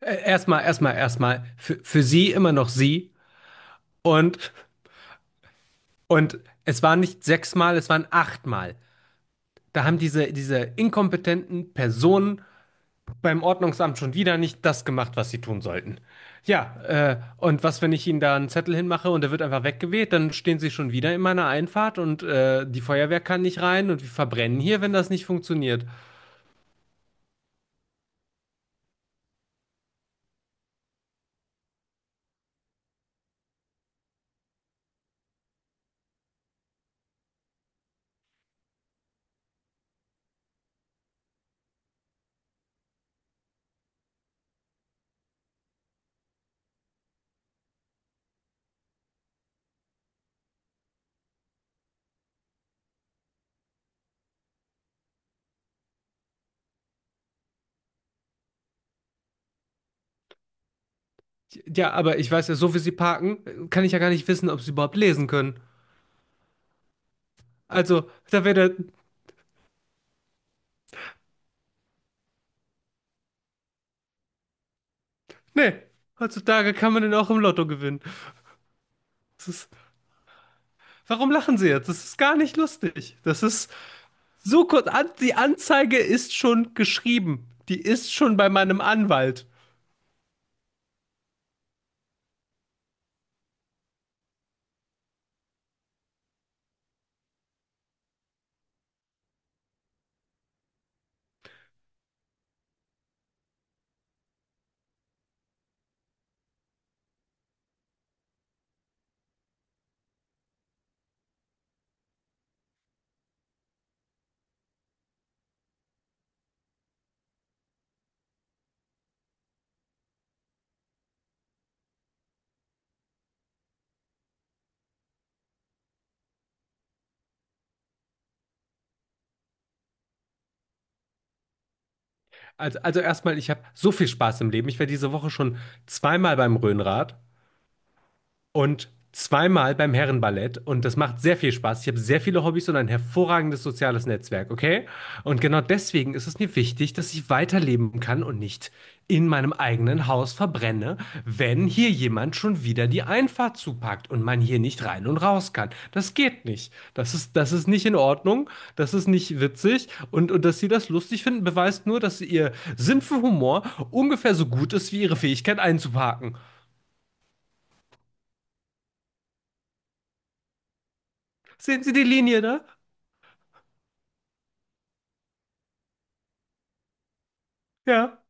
Erstmal. Für Sie immer noch Sie. Und, und es waren nicht sechsmal, es waren achtmal. Da haben diese inkompetenten Personen beim Ordnungsamt schon wieder nicht das gemacht, was sie tun sollten. Ja, und was, wenn ich Ihnen da einen Zettel hinmache und der wird einfach weggeweht, dann stehen Sie schon wieder in meiner Einfahrt und die Feuerwehr kann nicht rein und wir verbrennen hier, wenn das nicht funktioniert. Ja, aber ich weiß ja, so wie Sie parken, kann ich ja gar nicht wissen, ob Sie überhaupt lesen können. Also, da wäre der. Nee, heutzutage kann man den auch im Lotto gewinnen. Das ist, Warum lachen Sie jetzt? Das ist gar nicht lustig. Das ist so kurz. Die Anzeige ist schon geschrieben. Die ist schon bei meinem Anwalt. Also, erstmal, ich habe so viel Spaß im Leben. Ich war diese Woche schon zweimal beim Rhönrad und zweimal beim Herrenballett und das macht sehr viel Spaß. Ich habe sehr viele Hobbys und ein hervorragendes soziales Netzwerk, okay? Und genau deswegen ist es mir wichtig, dass ich weiterleben kann und nicht in meinem eigenen Haus verbrenne, wenn hier jemand schon wieder die Einfahrt zupackt und man hier nicht rein und raus kann. Das geht nicht. Das ist nicht in Ordnung, das ist nicht witzig und dass Sie das lustig finden, beweist nur, dass Ihr Sinn für Humor ungefähr so gut ist wie Ihre Fähigkeit einzuparken. Sehen Sie die Linie da? Ja.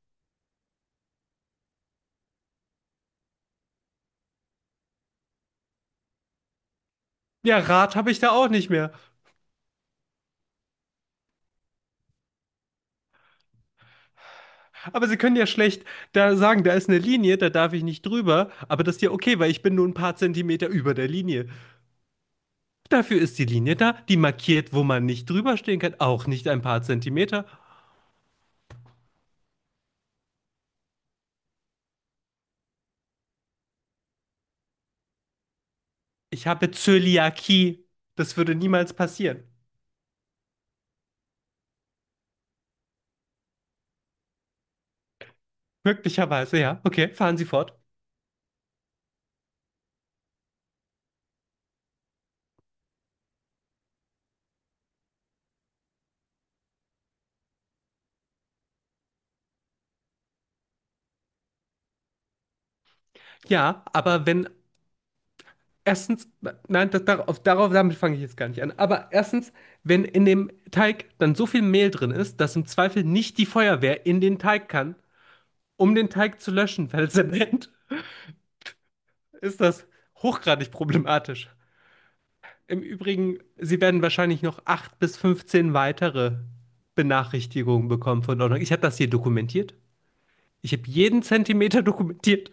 Ja, Rad habe ich da auch nicht mehr. Aber Sie können ja schlecht da sagen, da ist eine Linie, da darf ich nicht drüber. Aber das ist ja okay, weil ich bin nur ein paar Zentimeter über der Linie. Dafür ist die Linie da, die markiert, wo man nicht drüber stehen kann, auch nicht ein paar Zentimeter. Ich habe Zöliakie. Das würde niemals passieren. Möglicherweise, ja. Okay, fahren Sie fort. Ja, aber wenn erstens, nein, das, darauf, damit fange ich jetzt gar nicht an. Aber erstens, wenn in dem Teig dann so viel Mehl drin ist, dass im Zweifel nicht die Feuerwehr in den Teig kann, um den Teig zu löschen, weil Zement ist das hochgradig problematisch. Im Übrigen, Sie werden wahrscheinlich noch 8 bis 15 weitere Benachrichtigungen bekommen von Ordnung. Ich habe das hier dokumentiert. Ich habe jeden Zentimeter dokumentiert.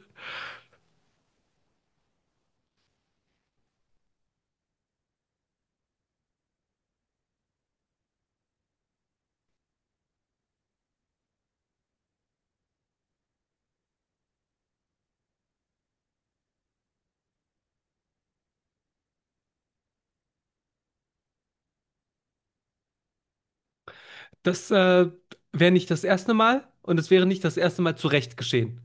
Das wäre nicht das erste Mal und es wäre nicht das erste Mal zu Recht geschehen.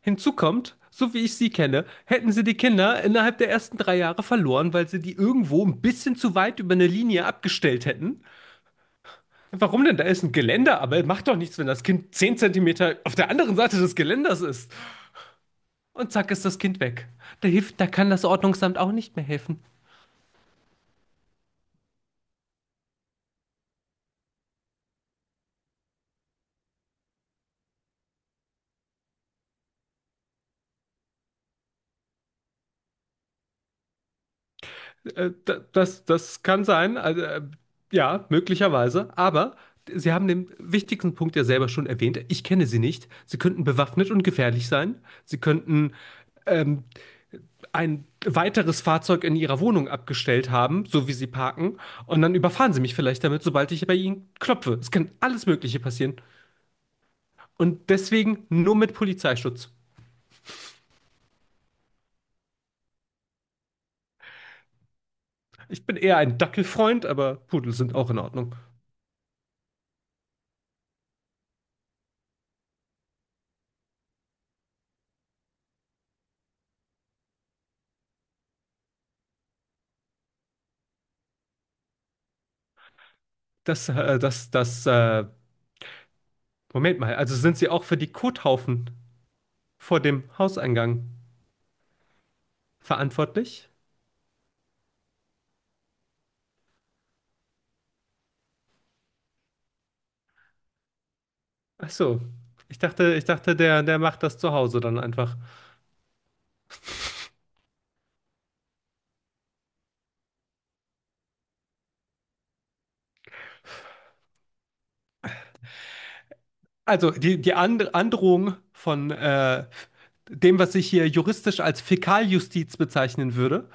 Hinzu kommt, so wie ich Sie kenne, hätten Sie die Kinder innerhalb der ersten 3 Jahre verloren, weil Sie die irgendwo ein bisschen zu weit über eine Linie abgestellt hätten. Warum denn? Da ist ein Geländer, aber macht doch nichts, wenn das Kind 10 Zentimeter auf der anderen Seite des Geländers ist. Und zack ist das Kind weg. Da hilft, da kann das Ordnungsamt auch nicht mehr helfen. Das kann sein, also, ja, möglicherweise. Aber Sie haben den wichtigsten Punkt ja selber schon erwähnt. Ich kenne Sie nicht. Sie könnten bewaffnet und gefährlich sein. Sie könnten ähm, ein weiteres Fahrzeug in Ihrer Wohnung abgestellt haben, so wie Sie parken. Und dann überfahren Sie mich vielleicht damit, sobald ich bei Ihnen klopfe. Es kann alles Mögliche passieren. Und deswegen nur mit Polizeischutz. Ich bin eher ein Dackelfreund, aber Pudel sind auch in Ordnung. Das, äh, das, das, äh, Moment mal, also sind Sie auch für die Kothaufen vor dem Hauseingang verantwortlich? Ach so. Ich dachte, der macht das zu Hause dann einfach. Also die Androhung von dem, was ich hier juristisch als Fäkaljustiz bezeichnen würde,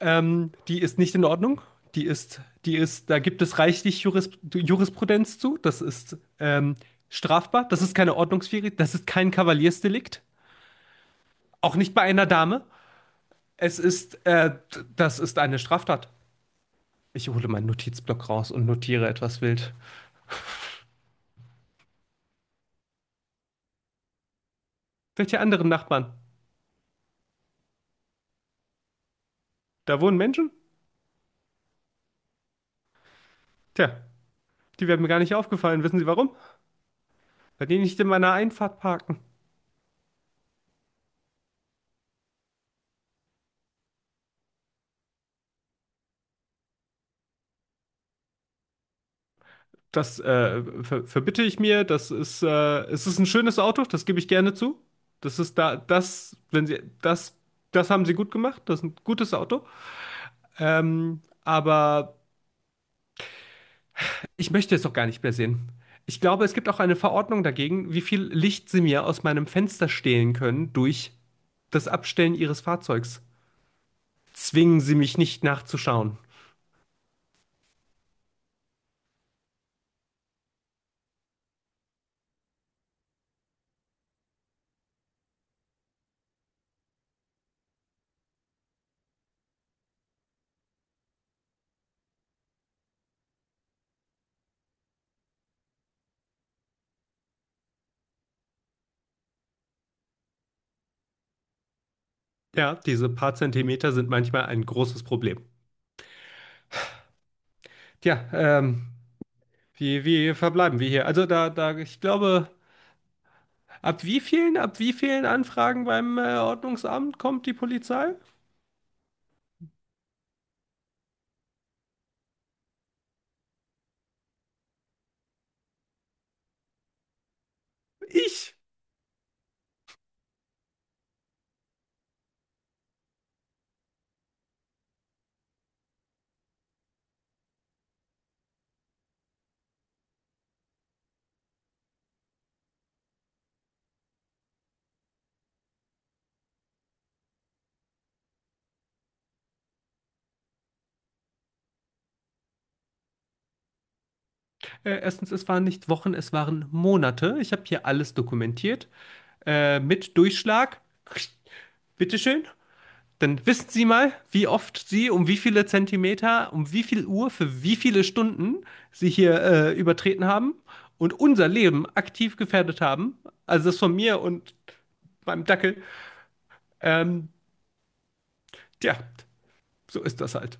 Die ist nicht in Ordnung. Da gibt es reichlich Jurisprudenz zu. Das ist strafbar. Das ist keine Ordnungswidrigkeit. Das ist kein Kavaliersdelikt. Auch nicht bei einer Dame. Das ist eine Straftat. Ich hole meinen Notizblock raus und notiere etwas wild. Welche anderen Nachbarn? Da wohnen Menschen? Tja, die wären mir gar nicht aufgefallen. Wissen Sie warum? Weil die nicht in meiner Einfahrt parken. Das ver Verbitte ich mir. Es ist ein schönes Auto, das gebe ich gerne zu. Das ist da, das, wenn Sie, das, Das haben Sie gut gemacht. Das ist ein gutes Auto. Aber ich möchte es doch gar nicht mehr sehen. Ich glaube, es gibt auch eine Verordnung dagegen, wie viel Licht Sie mir aus meinem Fenster stehlen können durch das Abstellen Ihres Fahrzeugs. Zwingen Sie mich nicht nachzuschauen. Ja, diese paar Zentimeter sind manchmal ein großes Problem. Tja, wie verbleiben wir hier? Also da, ich glaube, ab wie vielen Anfragen beim Ordnungsamt kommt die Polizei? Ich! Erstens, es waren nicht Wochen, es waren Monate. Ich habe hier alles dokumentiert. Mit Durchschlag. Bitteschön. Dann wissen Sie mal, wie oft Sie, um wie viele Zentimeter, um wie viel Uhr, für wie viele Stunden Sie hier übertreten haben und unser Leben aktiv gefährdet haben. Also das von mir und meinem Dackel. Ähm, Tja, so ist das halt.